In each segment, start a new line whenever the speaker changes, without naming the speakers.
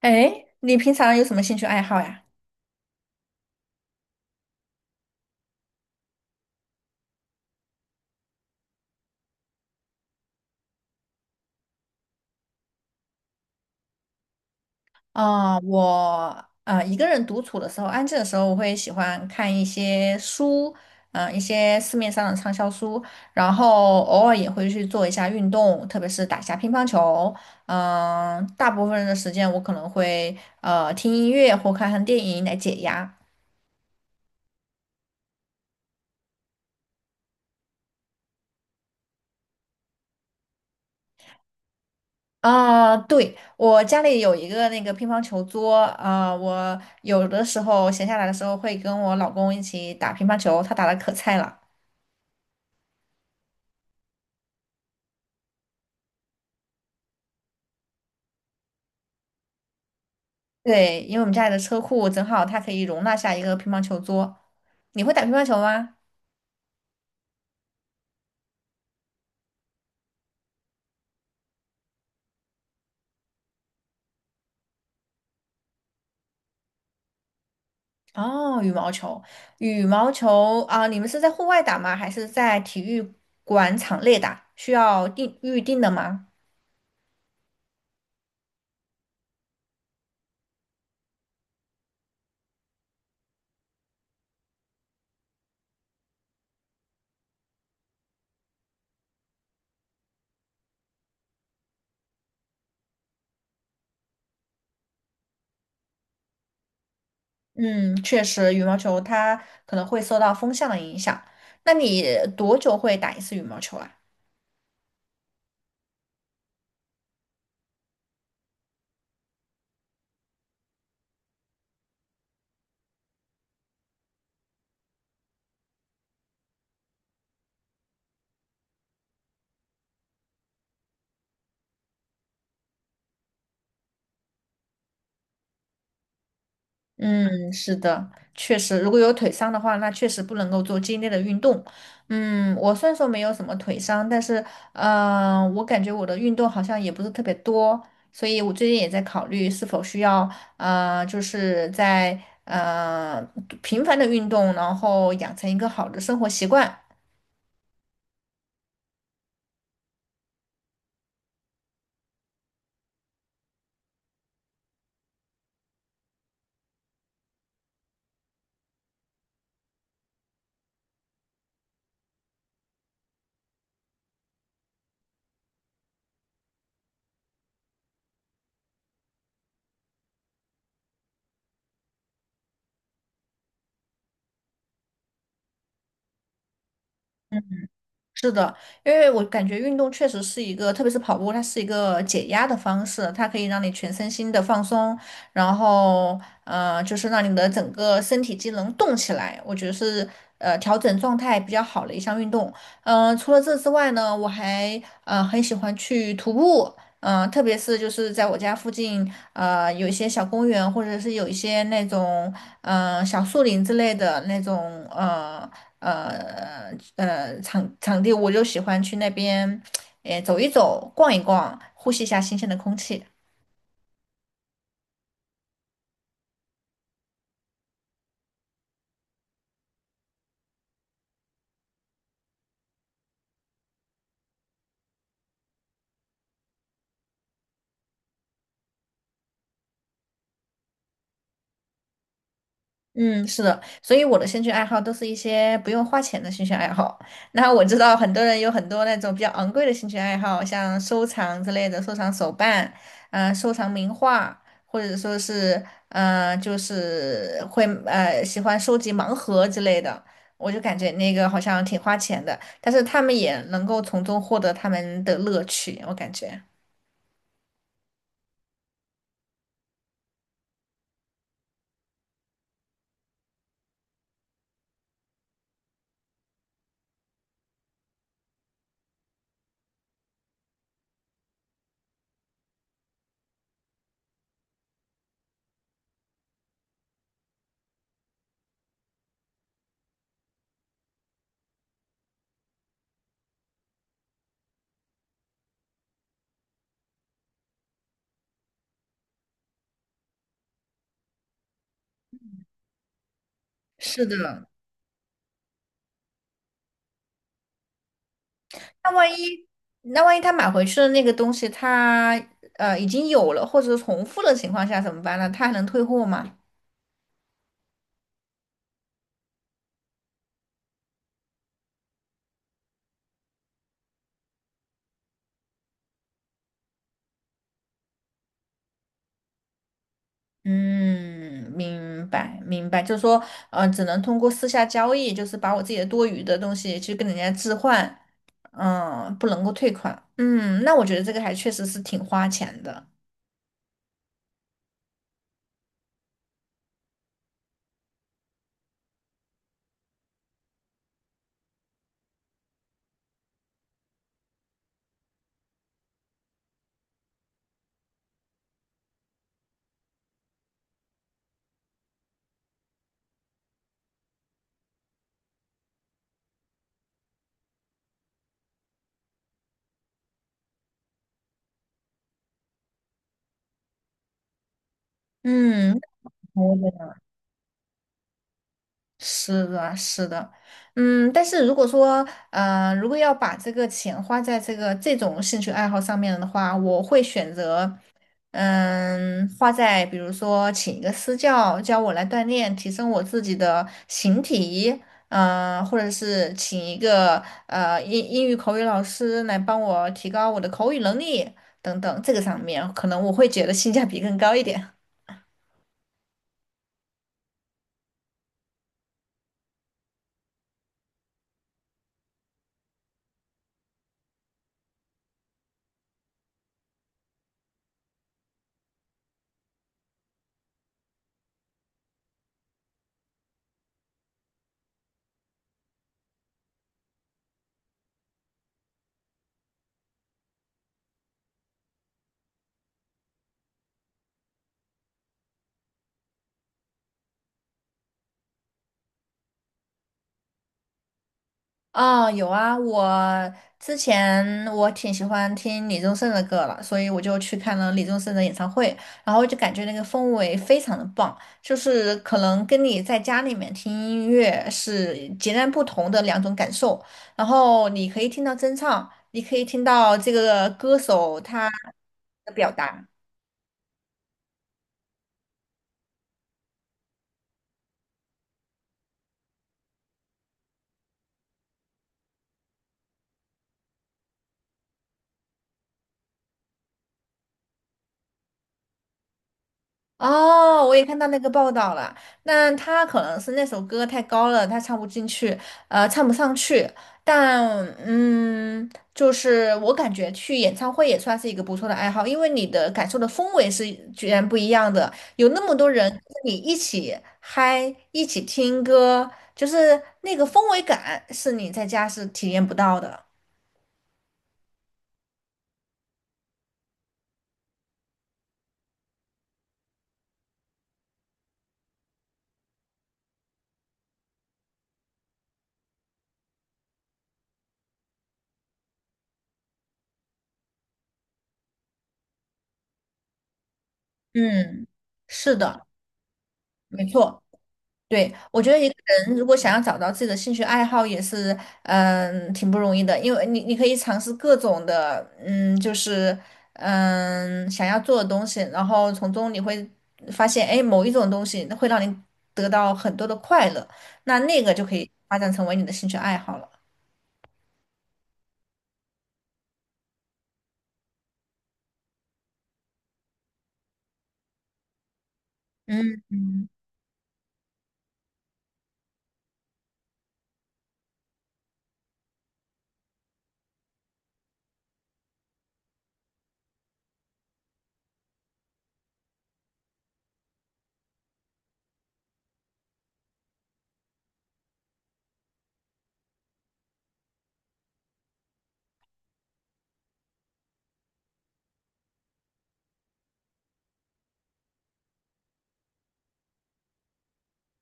哎，你平常有什么兴趣爱好呀？我啊、一个人独处的时候，安静的时候，我会喜欢看一些书，一些市面上的畅销书，然后偶尔也会去做一下运动，特别是打一下乒乓球。嗯、大部分的时间我可能会听音乐或看看电影来解压。啊、对，我家里有一个那个乒乓球桌，啊、我有的时候闲下来的时候会跟我老公一起打乒乓球，他打的可菜了。对，因为我们家里的车库正好它可以容纳下一个乒乓球桌。你会打乒乓球吗？哦，羽毛球，羽毛球啊，你们是在户外打吗？还是在体育馆场内打？需要定预定的吗？嗯，确实，羽毛球它可能会受到风向的影响。那你多久会打一次羽毛球啊？嗯，是的，确实，如果有腿伤的话，那确实不能够做激烈的运动。嗯，我虽然说没有什么腿伤，但是，嗯、我感觉我的运动好像也不是特别多，所以我最近也在考虑是否需要，就是在呃频繁的运动，然后养成一个好的生活习惯。是的，因为我感觉运动确实是一个，特别是跑步，它是一个解压的方式，它可以让你全身心的放松，然后就是让你的整个身体机能动起来，我觉得是调整状态比较好的一项运动。嗯、除了这之外呢，我还很喜欢去徒步，嗯、特别是就是在我家附近，有一些小公园，或者是有一些那种。嗯，小树林之类的那种呃场地，我就喜欢去那边，诶走一走，逛一逛，呼吸一下新鲜的空气。嗯，是的，所以我的兴趣爱好都是一些不用花钱的兴趣爱好。那我知道很多人有很多那种比较昂贵的兴趣爱好，像收藏之类的，收藏手办，嗯，收藏名画，或者说是，嗯、就是会喜欢收集盲盒之类的。我就感觉那个好像挺花钱的，但是他们也能够从中获得他们的乐趣，我感觉。是的，那万一那万一他买回去的那个东西他已经有了或者重复的情况下怎么办呢？他还能退货吗？嗯，明白明白，就是说，只能通过私下交易，就是把我自己的多余的东西去跟人家置换，嗯，不能够退款。嗯，那我觉得这个还确实是挺花钱的。嗯，是的，是的，嗯，但是如果说，如果要把这个钱花在这个这种兴趣爱好上面的话，我会选择，嗯，花在比如说请一个私教教我来锻炼，提升我自己的形体，嗯、或者是请一个英语口语老师来帮我提高我的口语能力等等，这个上面可能我会觉得性价比更高一点。啊，有啊，我之前我挺喜欢听李宗盛的歌了，所以我就去看了李宗盛的演唱会，然后就感觉那个氛围非常的棒，就是可能跟你在家里面听音乐是截然不同的两种感受，然后你可以听到真唱，你可以听到这个歌手他的表达。哦，我也看到那个报道了。那他可能是那首歌太高了，他唱不进去，唱不上去。但嗯，就是我感觉去演唱会也算是一个不错的爱好，因为你的感受的氛围是居然不一样的。有那么多人跟你一起嗨，一起听歌，就是那个氛围感是你在家是体验不到的。嗯，是的，没错。对，我觉得一个人如果想要找到自己的兴趣爱好，也是挺不容易的，因为你可以尝试各种的，嗯，就是想要做的东西，然后从中你会发现，哎，某一种东西会让你得到很多的快乐，那个就可以发展成为你的兴趣爱好了。嗯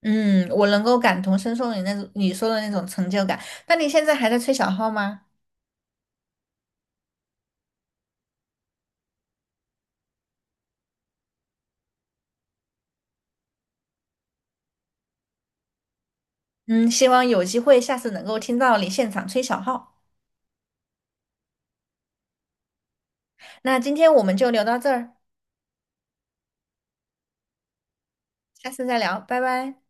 嗯，我能够感同身受你那种你说的那种成就感。那你现在还在吹小号吗？嗯，希望有机会下次能够听到你现场吹小号。那今天我们就聊到这儿。下次再聊，拜拜。